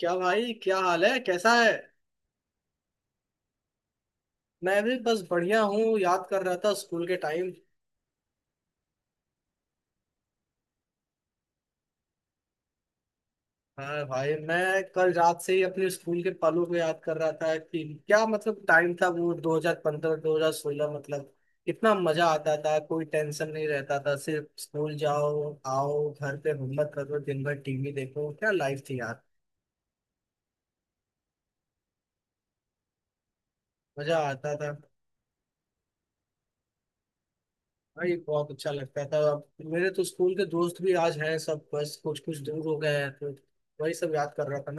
क्या भाई, क्या हाल है, कैसा है? मैं भी बस बढ़िया हूँ। याद कर रहा था स्कूल के टाइम। हाँ भाई, मैं कल रात से ही अपने स्कूल के पलों को याद कर रहा था कि क्या मतलब टाइम था वो। 2015, 2016, मतलब कितना मजा आता था। कोई टेंशन नहीं रहता था, सिर्फ स्कूल जाओ, आओ, घर पे होमवर्क करो, दिन भर टीवी देखो। क्या लाइफ थी यार। मजा आता था भाई, बहुत अच्छा लगता था। अब मेरे तो स्कूल के दोस्त भी आज हैं सब, बस कुछ कुछ दूर हो गए हैं, तो वही सब याद कर रहा था।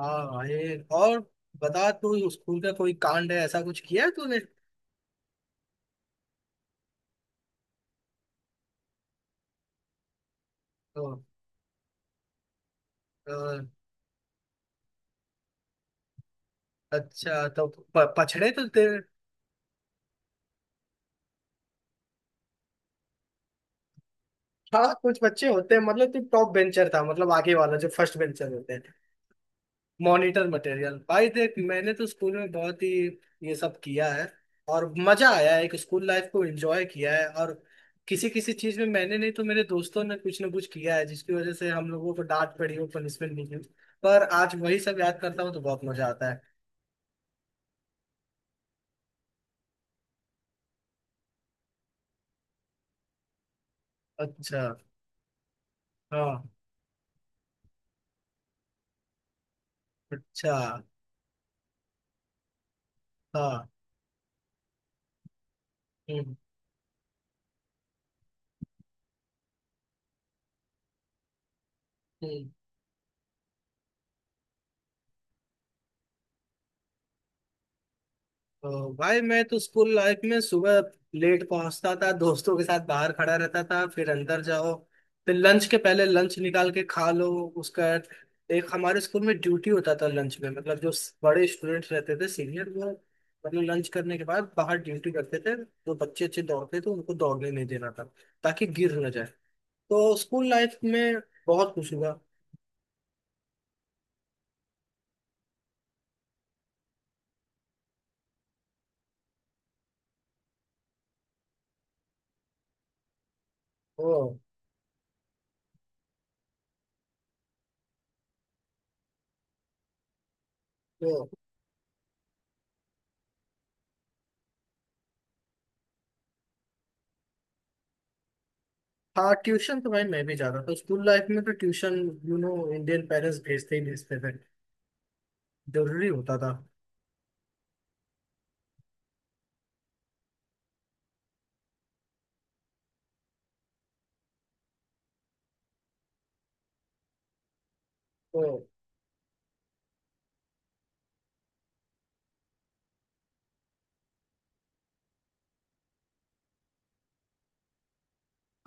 हाँ भाई, और बता, तू स्कूल का कोई कांड है, ऐसा कुछ किया है तूने? तो, अ, अच्छा तो पछड़े तो तेरे? हाँ, कुछ बच्चे होते हैं, मतलब तू टॉप बेंचर था, मतलब आगे वाला जो फर्स्ट बेंचर होते हैं, मॉनिटर मटेरियल। भाई देख, मैंने तो स्कूल में बहुत ही ये सब किया है, और मजा आया है, एक स्कूल लाइफ को एंजॉय किया है। और किसी किसी चीज में मैंने नहीं तो मेरे दोस्तों ने कुछ ना कुछ किया है, जिसकी वजह से हम लोगों को डांट पड़ी हो, पनिशमेंट मिली हो। पर आज वही सब याद करता हूँ तो बहुत मजा आता है। अच्छा। हाँ। अच्छा। हाँ। हम्म, हम्म। तो भाई, मैं तो स्कूल लाइफ में सुबह लेट पहुंचता था, दोस्तों के साथ बाहर खड़ा रहता था, फिर अंदर जाओ, फिर लंच के पहले लंच निकाल के खा लो। उसका, एक हमारे स्कूल में ड्यूटी होता था लंच में, मतलब जो बड़े स्टूडेंट्स रहते थे सीनियर, वो मतलब लंच करने के बाद बाहर ड्यूटी करते थे, तो बच्चे अच्छे दौड़ते थे, उनको दौड़ने नहीं देना था ताकि गिर ना जाए। तो स्कूल लाइफ में बहुत कुछ हुआ। ओ, तो। हाँ, ट्यूशन तो भाई मैं भी जाता था स्कूल लाइफ में। तो ट्यूशन इंडियन पेरेंट्स भेजते ही भेजते थे। जरूरी होता था। तो।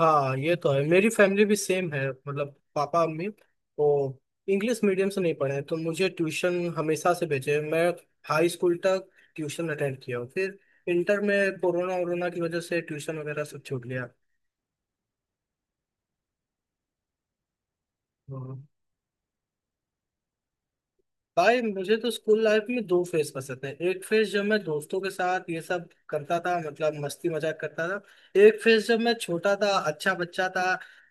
हाँ, ये तो है, मेरी फैमिली भी सेम है, मतलब पापा मम्मी वो इंग्लिश मीडियम से नहीं पढ़े हैं, तो मुझे ट्यूशन हमेशा से भेजे हैं। मैं हाई स्कूल तक ट्यूशन अटेंड किया हूँ, फिर इंटर में कोरोना वोरोना की वजह से ट्यूशन वगैरह सब छूट गया। हाँ। भाई, मुझे तो स्कूल लाइफ में दो फेज पसंद है। एक फेज जब मैं दोस्तों के साथ ये सब करता था, मतलब मस्ती मजाक करता था। एक फेज जब मैं छोटा था, अच्छा बच्चा था,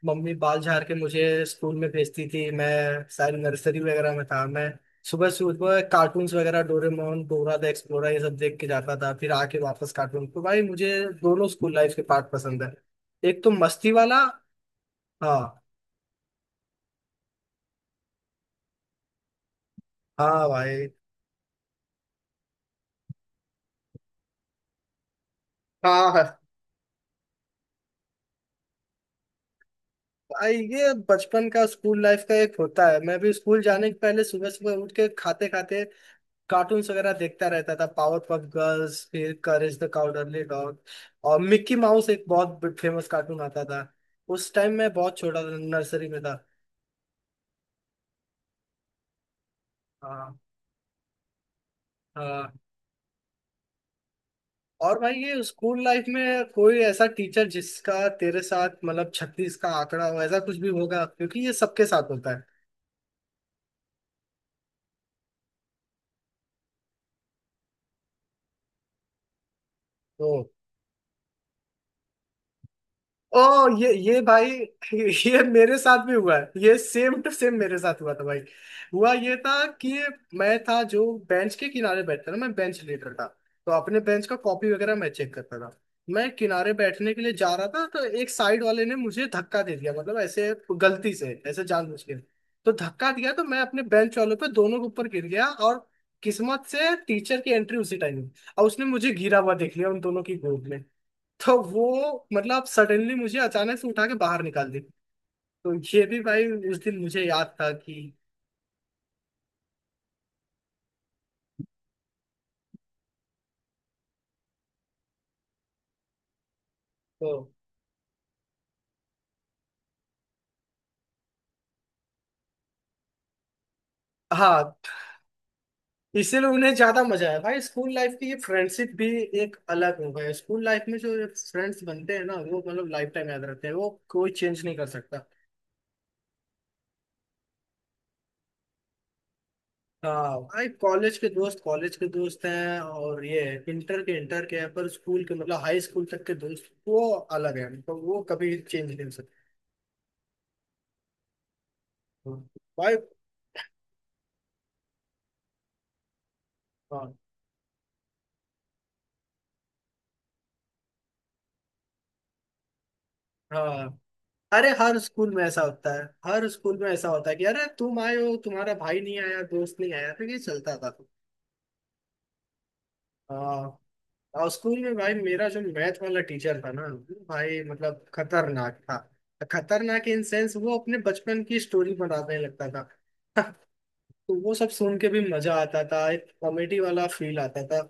मम्मी बाल झाड़ के मुझे स्कूल में भेजती थी, मैं शायद नर्सरी वगैरह में था। मैं सुबह सुबह कार्टून्स वगैरह डोरेमोन, डोरा द एक्सप्लोरर, ये सब देख के जाता था, फिर आके वापस कार्टून। तो भाई, मुझे दोनों स्कूल लाइफ के पार्ट पसंद है, एक तो मस्ती वाला। हाँ, हाँ भाई। हाँ भाई, ये बचपन का स्कूल लाइफ का एक होता है। मैं भी स्कूल जाने के पहले सुबह सुबह उठ के खाते खाते कार्टून्स वगैरह देखता रहता था। पावर पफ गर्ल्स, फिर करेज द काउडरली डॉग। और मिक्की माउस एक बहुत फेमस कार्टून आता था। उस टाइम मैं बहुत छोटा था, नर्सरी में था। हाँ, हाँ। और भाई, ये स्कूल लाइफ में कोई ऐसा टीचर जिसका तेरे साथ मतलब छत्तीस का आंकड़ा हो, ऐसा कुछ भी होगा? क्योंकि ये सबके साथ होता है। तो, ओ, ये भाई, ये मेरे साथ भी हुआ है, ये सेम टू सेम मेरे साथ हुआ था भाई। हुआ ये था कि मैं था जो बेंच के किनारे बैठता था, मैं बेंच लीडर था। तो अपने बेंच का कॉपी वगैरह मैं चेक करता था। मैं किनारे बैठने के लिए जा रहा था, तो एक साइड वाले ने मुझे धक्का दे दिया, मतलब ऐसे गलती से ऐसे जानबूझ के। तो धक्का दिया तो मैं अपने बेंच वालों पे, दोनों के ऊपर गिर गया। और किस्मत से टीचर की एंट्री उसी टाइम हुई, और उसने मुझे गिरा हुआ देख लिया उन दोनों की गोद में। तो वो मतलब सडनली मुझे अचानक से उठा के बाहर निकाल दी। तो ये भी भाई, उस दिन मुझे याद था कि, तो हाँ। इसीलिए उन्हें ज्यादा मजा आया भाई। स्कूल लाइफ की ये फ्रेंडशिप भी एक अलग हो गई। स्कूल लाइफ में जो फ्रेंड्स बनते हैं ना, वो मतलब लाइफ टाइम याद रहते हैं, वो कोई चेंज नहीं कर सकता। हाँ भाई, कॉलेज के दोस्त हैं, और ये इंटर के हैं, पर स्कूल के मतलब हाई स्कूल तक के दोस्त वो अलग है, मतलब वो कभी चेंज नहीं हो सकते। हाँ। भाई, हाँ, हाँ। अरे, हर स्कूल में ऐसा होता है, हर स्कूल में ऐसा होता है कि अरे, तुम आए हो तुम्हारा भाई नहीं आया, दोस्त नहीं आया। तो ये चलता था। हाँ। और स्कूल में भाई, मेरा जो मैथ वाला टीचर था ना, भाई मतलब खतरनाक था। खतरनाक इन सेंस वो अपने बचपन की स्टोरी बताने लगता था। तो वो सब सुन के भी मजा आता था, एक कॉमेडी वाला फील आता था।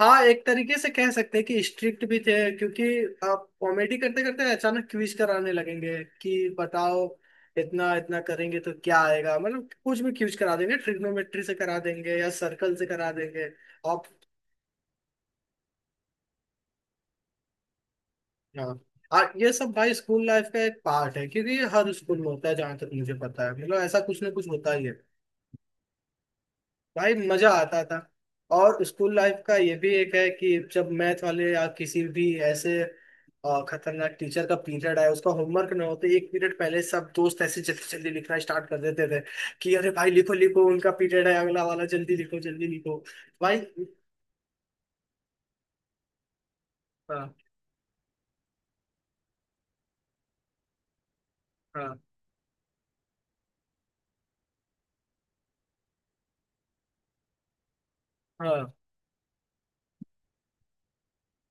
हाँ, एक तरीके से कह सकते हैं कि स्ट्रिक्ट भी थे, क्योंकि आप कॉमेडी करते करते अचानक क्विज कराने लगेंगे कि बताओ, इतना इतना करेंगे तो क्या आएगा, मतलब कुछ भी क्विज करा देंगे, ट्रिग्नोमेट्री से करा देंगे या सर्कल से करा देंगे आप। हाँ। और ये सब भाई स्कूल लाइफ का एक पार्ट है, क्योंकि ये हर स्कूल में होता है जहाँ तक मुझे पता है, मतलब ऐसा कुछ ना कुछ होता ही है भाई। मजा आता था। और स्कूल लाइफ का ये भी एक है कि जब मैथ वाले या किसी भी ऐसे खतरनाक टीचर का पीरियड आया, उसका होमवर्क ना होते एक पीरियड पहले सब दोस्त ऐसे जल्दी जल्दी लिखना स्टार्ट कर देते थे कि अरे भाई लिखो लिखो, उनका पीरियड है अगला वाला, जल्दी लिखो, जल्दी लिखो भाई। हाँ, हाँ, हाँ,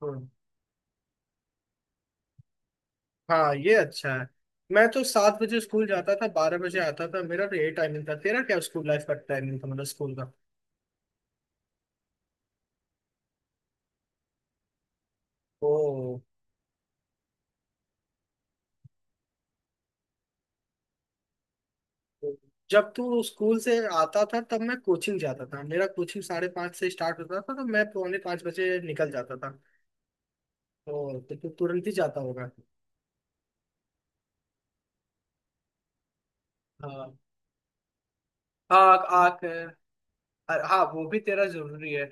हाँ, हाँ, ये अच्छा है। मैं तो 7 बजे स्कूल जाता था, 12 बजे आता था, मेरा तो ये टाइमिंग था। तेरा क्या स्कूल लाइफ का टाइमिंग था, मतलब स्कूल का? ओ, जब तू स्कूल से आता था तब मैं कोचिंग जाता था। मेरा कोचिंग 5:30 से स्टार्ट होता था, तो मैं 4:45 बजे निकल जाता था। तो तू तुरंत ही जाता होगा। हाँ। आँख आँख अ- हाँ वो भी तेरा जरूरी है।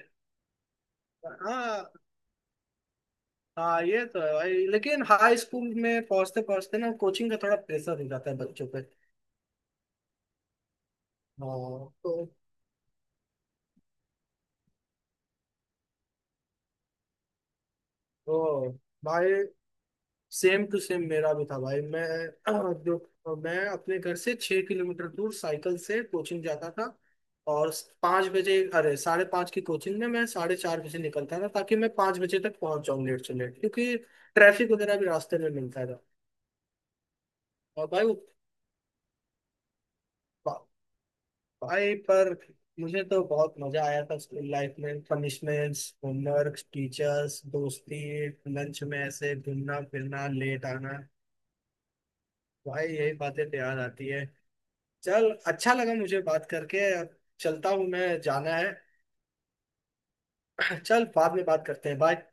हाँ, हाँ, ये तो है भाई। लेकिन हाई स्कूल में पहुंचते पहुंचते ना कोचिंग का थोड़ा प्रेशर हो जाता है बच्चों पे। हाँ, तो भाई सेम टू सेम मेरा भी था भाई। मैं जो मैं अपने घर से 6 किलोमीटर दूर साइकिल से कोचिंग जाता था। और 5 बजे, अरे 5:30 की कोचिंग में मैं 4:30 बजे निकलता था ताकि मैं 5 बजे तक पहुंच जाऊँ लेट से लेट, क्योंकि ट्रैफिक वगैरह भी रास्ते में मिलता था। और भाई वो, भाई पर मुझे तो बहुत मजा आया था स्कूल लाइफ में, पनिशमेंट्स, होमवर्क, टीचर्स, दोस्ती, लंच में ऐसे घूमना फिरना, लेट आना भाई। यही बातें तो याद आती है। चल, अच्छा लगा मुझे बात करके, अब चलता हूँ, मैं जाना है। चल, बाद में बात करते हैं। बाय।